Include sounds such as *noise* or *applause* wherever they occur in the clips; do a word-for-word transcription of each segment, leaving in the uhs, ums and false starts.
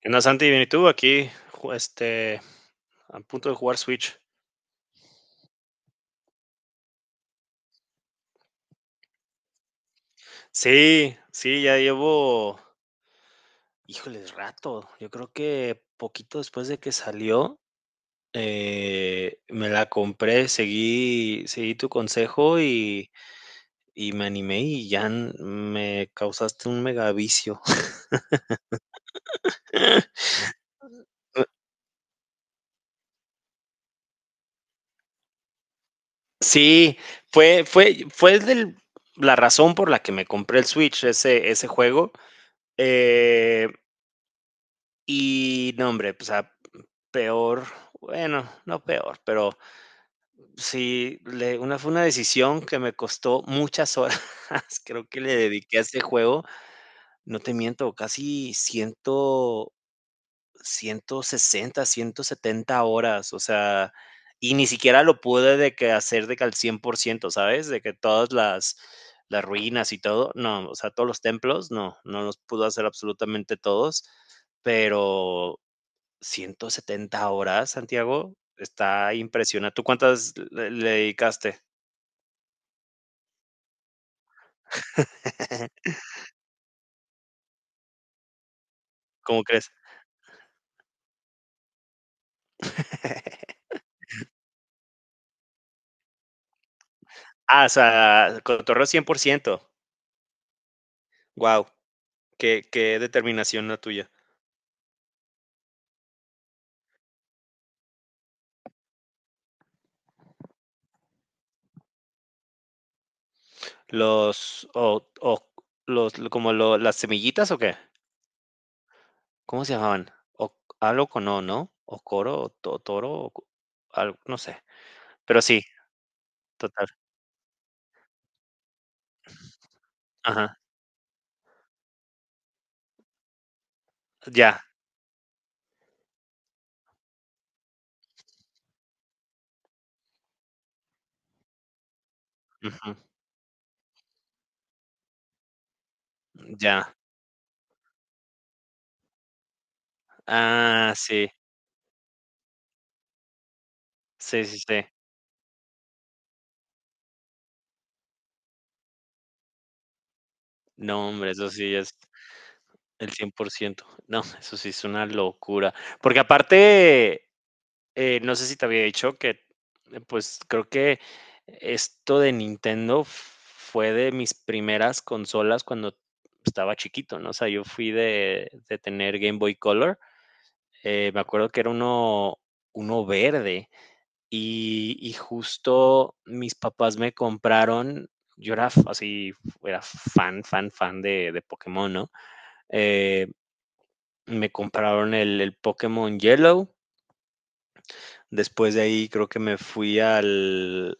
¿Qué onda, Santi? Bien, ¿y tú? Aquí, ju- este, a punto de jugar Switch. Sí, sí, ya llevo, híjoles, rato. Yo creo que poquito después de que salió, eh, me la compré, seguí, seguí tu consejo y, y me animé y ya n- me causaste un mega vicio. *laughs* Sí, fue, fue, fue del- la razón por la que me compré el Switch, ese, ese juego. eh, y no, hombre, pues Peor, bueno, no peor, pero sí, le una fue una decisión que me costó muchas horas. *laughs* Creo que le dediqué a este juego, no te miento, casi cien, ciento sesenta ciento setenta horas. O sea, y ni siquiera lo pude de que hacer de que al cien por ciento, ¿sabes? De que todas las las ruinas y todo, no, o sea, todos los templos, no, no los pudo hacer absolutamente todos, pero ciento setenta horas, Santiago, está impresionante. ¿Tú cuántas le le dedicaste? *laughs* ¿Cómo crees? *laughs* Ah, o sea, cotorreo cien por ciento. Wow, qué qué determinación la tuya. Los o o los lo- como lo las semillitas, ¿o qué? ¿Cómo se llamaban? O algo con O, ¿no? O coro, o to toro, o co algo, no sé. Pero sí, total. Ajá, ya, ujú, ya. Ah, sí, sí, sí, sí. No, hombre, eso sí es. El cien por ciento. No, eso sí es una locura. Porque aparte, eh, no sé si te había dicho que, eh, pues, creo que esto de Nintendo fue de mis primeras consolas cuando estaba chiquito, ¿no? O sea, yo fui de, de tener Game Boy Color. Eh, me acuerdo que era uno, uno verde. Y, y justo mis papás me compraron. Yo era f- así, era fan, fan, fan de, de Pokémon, ¿no? Eh, Me compraron el el Pokémon Yellow, después de ahí creo que me fui al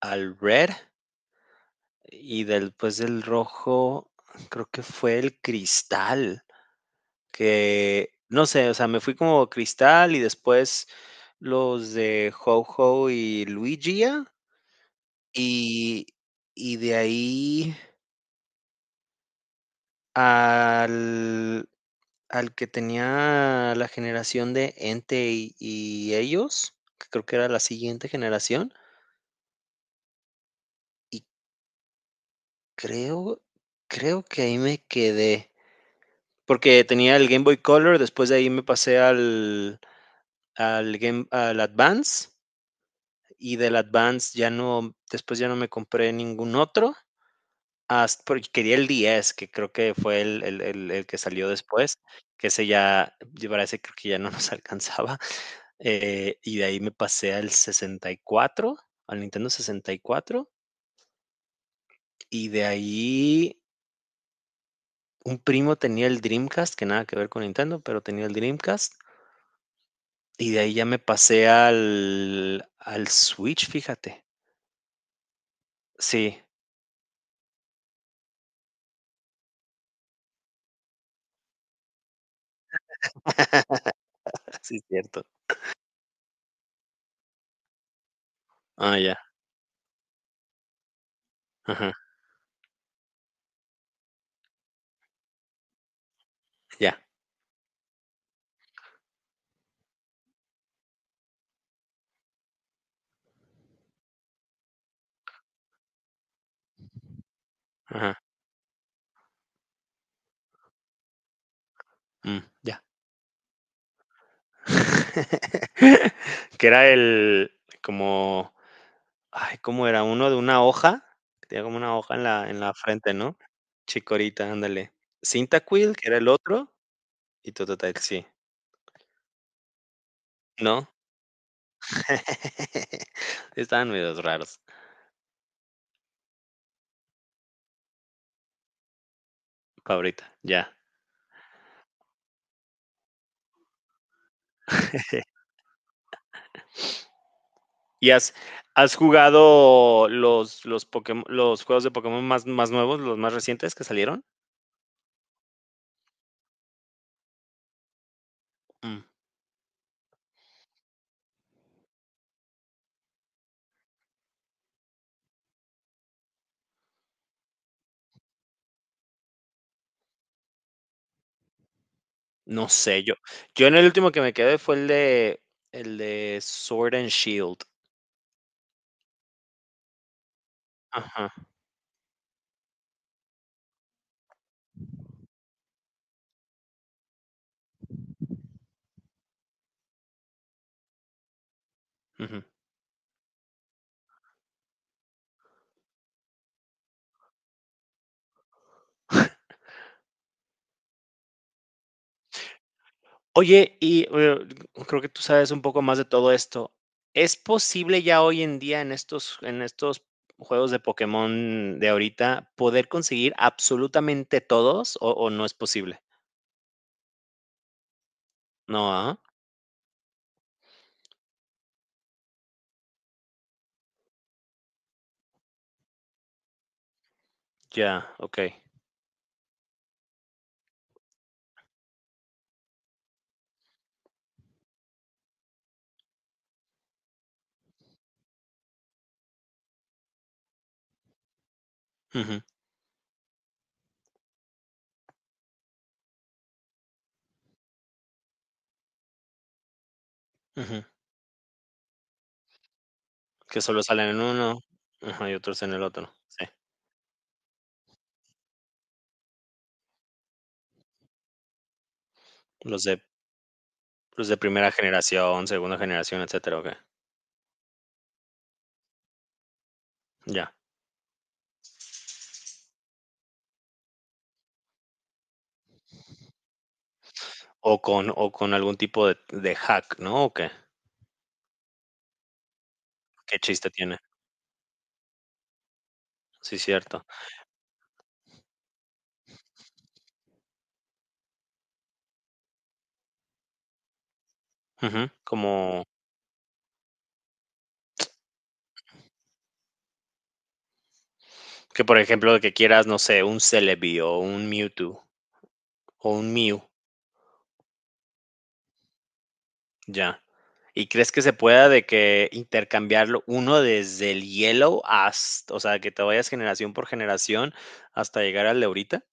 al Red y después del rojo, creo que fue el Cristal, que no sé, o sea, me fui como Cristal y después los de Ho-Oh y Luigi y y de ahí al al que tenía la generación de Entei y ellos, que creo que era la siguiente generación. Y creo, creo que ahí me quedé, porque tenía el Game Boy Color, después de ahí me pasé al, al Game, al Advance, y del Advance ya no, después ya no me compré ningún otro, hasta, porque quería el diez, que creo que fue el, el- el- el que salió después, que ese ya, yo para ese creo que ya no nos *laughs* alcanzaba. Eh, y de ahí me pasé al sesenta y cuatro, al Nintendo sesenta y cuatro, y cuatro, y de ahí un primo tenía el Dreamcast, que nada que ver con Nintendo, pero tenía el Dreamcast, y de ahí ya me pasé al al Switch, fíjate. Sí, *laughs* sí es cierto. Ah, ya, ajá, ya, ajá, mm, ya. *laughs* Que era el como, ay, ¿cómo era? Uno de una hoja, que tenía como una hoja en la en la frente, ¿no? Chikorita, ándale. Cyndaquil, que era el otro, y Totodile, sí, ¿no? *laughs* Estaban medios raros. Favorita, ya. ¿Y has, has jugado los, los, Pokémon, los juegos de Pokémon más, más nuevos, los más recientes que salieron? Mm, no sé, yo, yo en el último que me quedé fue el de, el de Sword and Shield. Ajá. Ujú. Oye, y eh, creo que tú sabes un poco más de todo esto. ¿Es posible ya hoy en día en estos, en estos juegos de Pokémon de ahorita poder conseguir absolutamente todos o, o no es posible? No, ah, ya, ok. Ujú, ujú, que solo salen en uno, ajá, y otros en el otro, sí, los de los de primera generación, segunda generación, etcétera, okey, ya. O con o con algún tipo de de hack, ¿no? ¿O qué? ¿Qué chiste tiene? Sí, cierto. Ujú, como que, por ejemplo, de que quieras, no sé, un Celebi, o un Mewtwo, o un Mew, ya. ¿Y crees que se pueda de que intercambiarlo uno desde el hielo hasta, o sea, que te vayas generación por generación hasta llegar al de ahorita?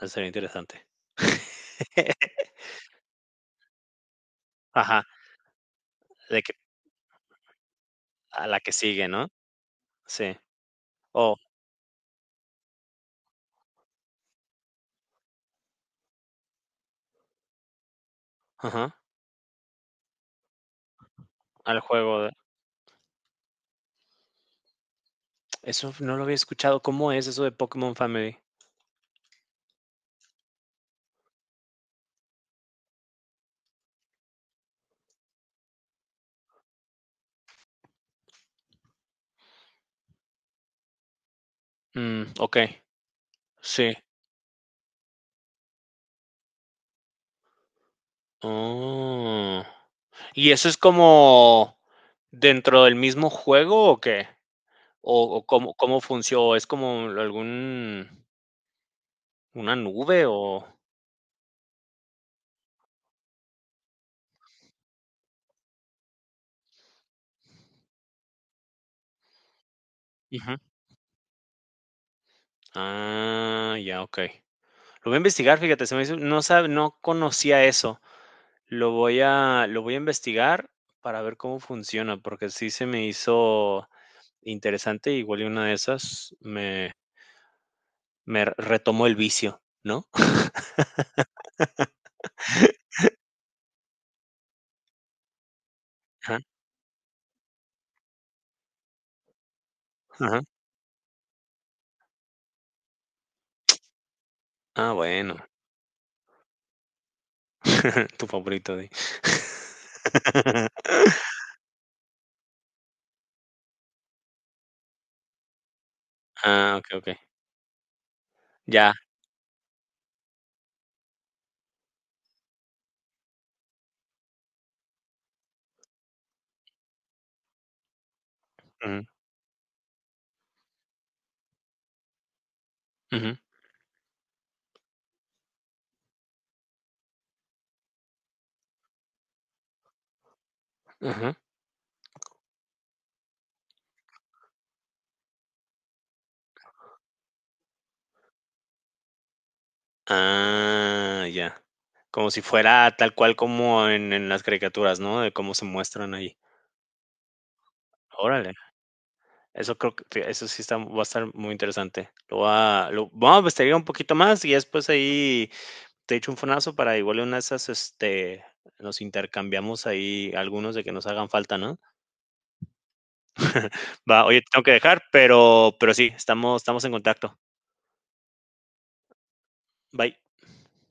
Eso sería interesante. Ajá, de que a la que sigue, ¿no? Sí. O ajá, al juego de eso no lo había escuchado, ¿cómo es eso de Pokémon Family? Mm, okey, sí. Oh, ¿y eso es como dentro del mismo juego o qué? ¿O o cómo cómo funcio es como algún una nube o? Ujú. Ah, ya, okey. Lo voy a investigar, fíjate, se me hizo no sab no conocía eso. Lo voy a, lo voy a investigar para ver cómo funciona, porque sí se me hizo interesante, igual y una de esas me, me retomó el vicio, ¿no? Ajá, ajá. Ah, bueno. *laughs* Tu favorito, di. *laughs* Ah, okey, okey. Ya. Ujú, ujú, ujú. Ah, ya. Como si fuera tal cual como en en las caricaturas, ¿no? De cómo se muestran ahí. Órale. Eso creo que fí eso sí está va a estar muy interesante. Lo voy a lo voy a investigar un poquito más y después ahí te echo un fonazo para igual en una de esas, este, nos intercambiamos ahí algunos de que nos hagan falta, ¿no? *laughs* Va, oye, te tengo que dejar, pero pero sí, estamos estamos en contacto. Bye.